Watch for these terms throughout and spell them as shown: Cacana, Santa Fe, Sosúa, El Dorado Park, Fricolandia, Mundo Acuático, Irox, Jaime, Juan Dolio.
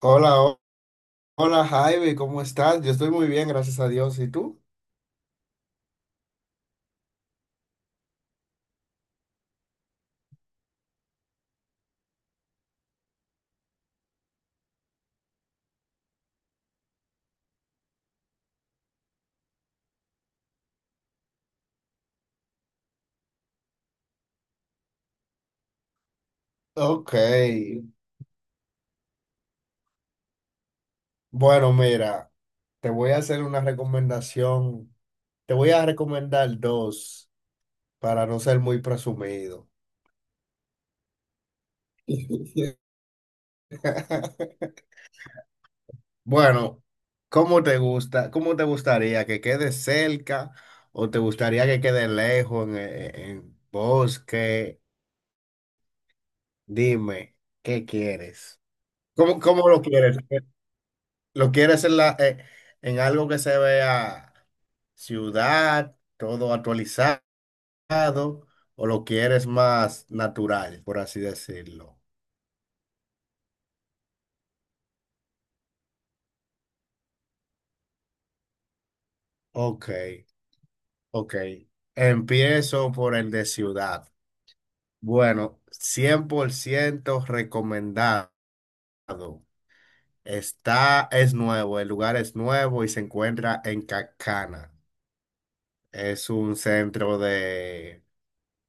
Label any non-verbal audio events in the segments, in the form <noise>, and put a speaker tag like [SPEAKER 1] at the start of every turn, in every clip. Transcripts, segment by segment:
[SPEAKER 1] Hola, ho- Hola, Jaime, ¿cómo estás? Yo estoy muy bien, gracias a Dios. ¿Y tú? Ok. Bueno, mira, te voy a hacer una recomendación. Te voy a recomendar dos para no ser muy presumido. Bueno, ¿cómo te gusta? ¿Cómo te gustaría? ¿Que quede cerca o te gustaría que quede lejos en, en bosque? Dime, ¿qué quieres? ¿Cómo lo quieres? ¿Lo quieres en la, en algo que se vea? Ciudad, todo actualizado, o lo quieres más natural, por así decirlo. Ok, ok. Empiezo por el de ciudad. Bueno, 100% recomendado. Está, es nuevo, el lugar es nuevo y se encuentra en Cacana. Es un centro de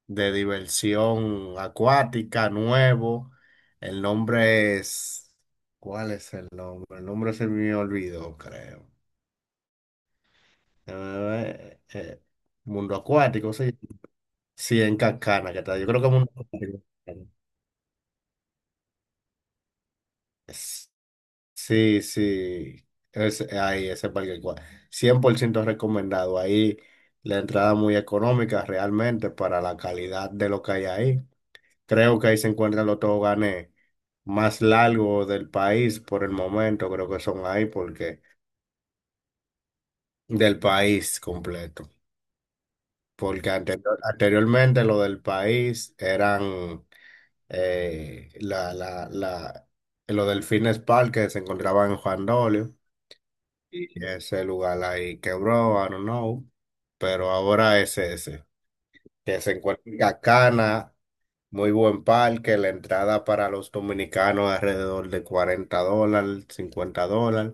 [SPEAKER 1] diversión acuática, nuevo. El nombre es... ¿Cuál es el nombre? El nombre se me olvidó, creo. Eh, eh, Mundo Acuático, sí. Sí, en Cancana, que está. Yo creo que Mundo Acuático. Es- Sí, sí. Es, ahí, 100% recomendado. Ahí la entrada muy económica realmente para la calidad de lo que hay ahí. Creo que ahí se encuentran los toboganes más largos del país por el momento, creo que son ahí porque del país completo, porque anteriormente lo del país eran eh, la, la, la, los delfines park que se encontraban en Juan Dolio y ese lugar ahí quebró, I don't know, pero ahora es ese, que se encuentra en Cacana. Muy buen parque, la entrada para los dominicanos alrededor de $40, $50,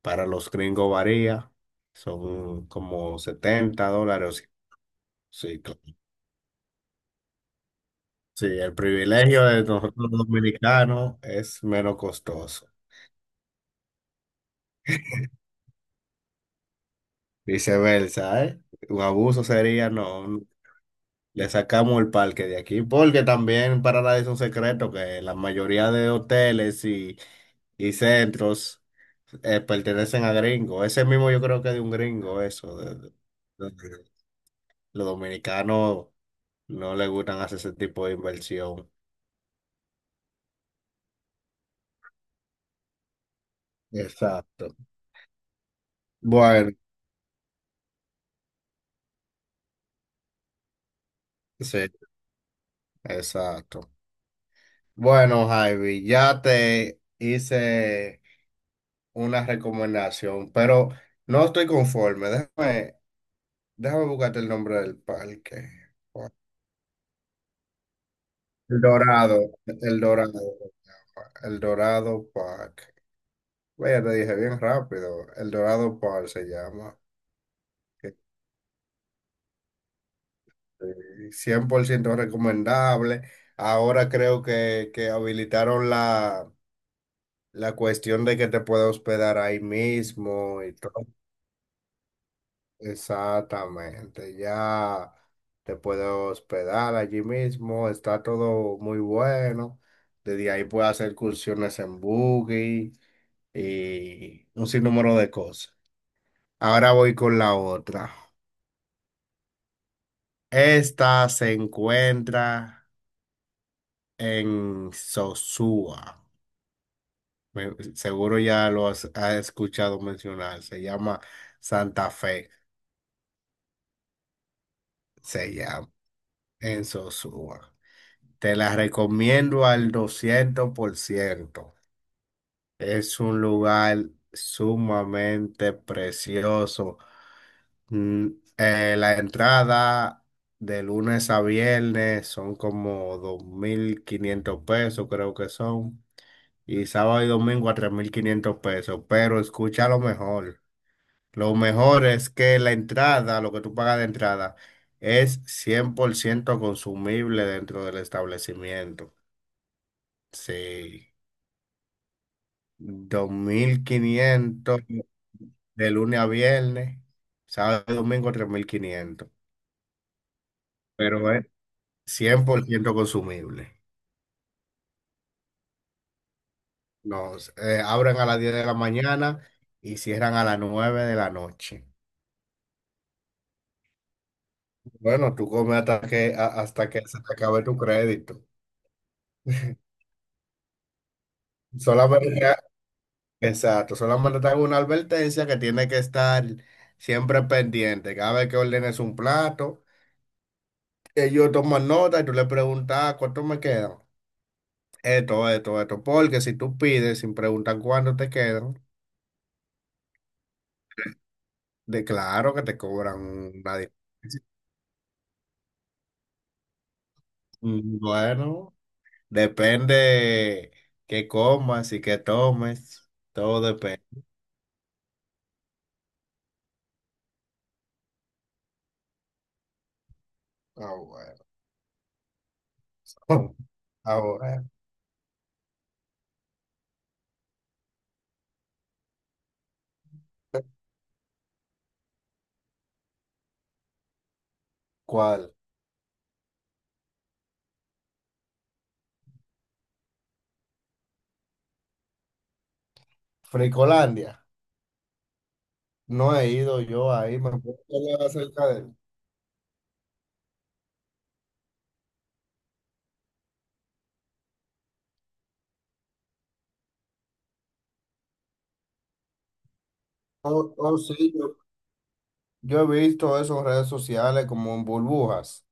[SPEAKER 1] para los gringos varía, son como $70. Sí, sí, claro. Sí, el privilegio de nosotros los dominicanos es menos costoso. Viceversa, ¿eh? Un abuso sería, no, le sacamos el parque de aquí, porque también para nadie es un secreto que la mayoría de hoteles y centros pertenecen a gringos. Ese mismo yo creo que es de un gringo, eso. Los dominicanos no les gustan hacer ese tipo de inversión. Exacto. Bueno, sí, exacto. Bueno, Javi, ya te hice una recomendación, pero no estoy conforme. Déjame, déjame buscarte el nombre del parque. El Dorado, el Dorado, el Dorado Park. Vaya, te dije bien rápido. El Dorado Par se llama. Este, 100% recomendable. Ahora creo que, habilitaron la, la cuestión de que te puedes hospedar ahí mismo y todo. Exactamente. Ya te puedes hospedar allí mismo. Está todo muy bueno. Desde ahí puedes hacer excursiones en buggy y un sinnúmero de cosas. Ahora voy con la otra. Esta se encuentra en Sosúa. Seguro ya lo has, has escuchado mencionar. Se llama Santa Fe. Se llama en Sosúa. Te la recomiendo al 200%. Es un lugar sumamente precioso. Mm, la entrada de lunes a viernes son como 2,500 pesos, creo que son. Y sábado y domingo a 3,500 pesos, pero escucha lo mejor. Lo mejor es que la entrada, lo que tú pagas de entrada, es 100% consumible dentro del establecimiento. Sí, 2,500 de lunes a viernes, sábado y domingo 3,500, pero es 100% consumible. Nos abren a las 10 de la mañana y cierran a las 9 de la noche. Bueno, tú comes hasta que, hasta que se te acabe tu crédito. Solamente, exacto, solamente te hago una advertencia que tiene que estar siempre pendiente. Cada vez que ordenes un plato, ellos toman nota y tú le preguntas, "Ah, ¿cuánto me quedan? Esto, esto, esto." Porque si tú pides sin preguntar cuánto te quedan, de claro que te cobran una diferencia. Bueno, depende qué comas y qué tomes, todo depende. Ah, bueno. <laughs> Ah, bueno. ¿Cuál? Fricolandia. No he ido yo ahí, me puedo hablar acerca de él. Oh, oh, sí, yo he visto eso en redes sociales como en burbujas.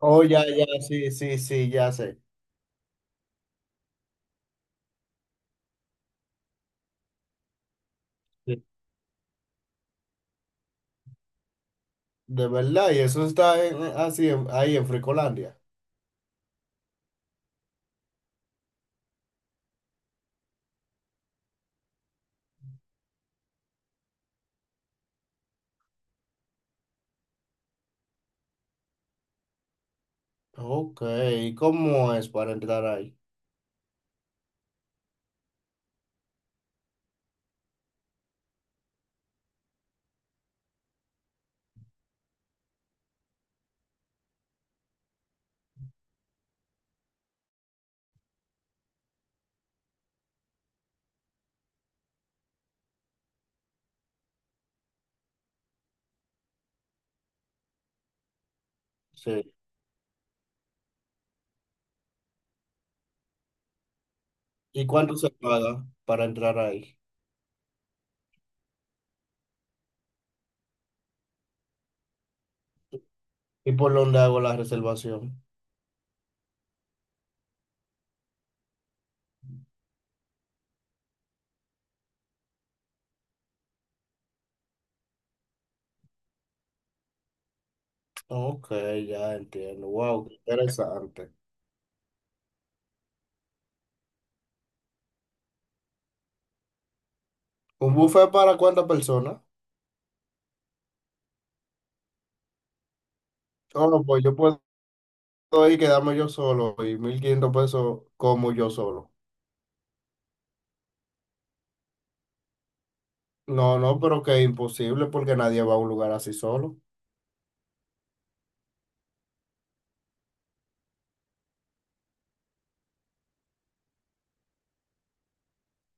[SPEAKER 1] Oh, ya, ya, sí, sí, sí, ya sé. Sí. De verdad, y eso está así ahí en Fricolandia. Ok, ¿y cómo es para entrar ahí? Sí. ¿Y cuánto se paga para entrar ahí? ¿Y por dónde hago la reservación? Ok, ya entiendo. Wow, qué interesante. ¿Un buffet para cuántas personas? No, no, pues yo puedo ir y quedarme yo solo y 1,500 pesos como yo solo. No, no, pero que es imposible porque nadie va a un lugar así solo.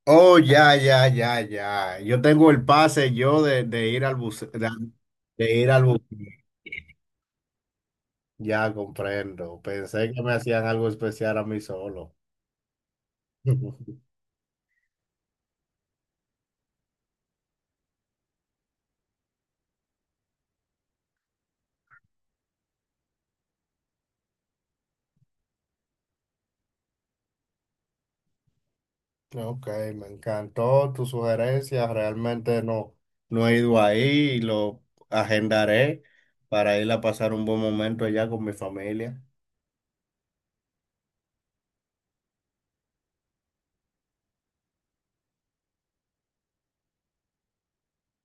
[SPEAKER 1] Oh, ya, ya, ya, ya. Yo tengo el pase yo de, de ir al buceo. Ya comprendo. Pensé que me hacían algo especial a mí solo. <laughs> Ok, me encantó tu sugerencia. Realmente no. No he ido ahí y lo agendaré para ir a pasar un buen momento allá con mi familia.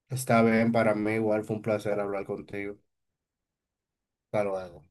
[SPEAKER 1] Está bien, para mí igual fue un placer hablar contigo. Hasta luego.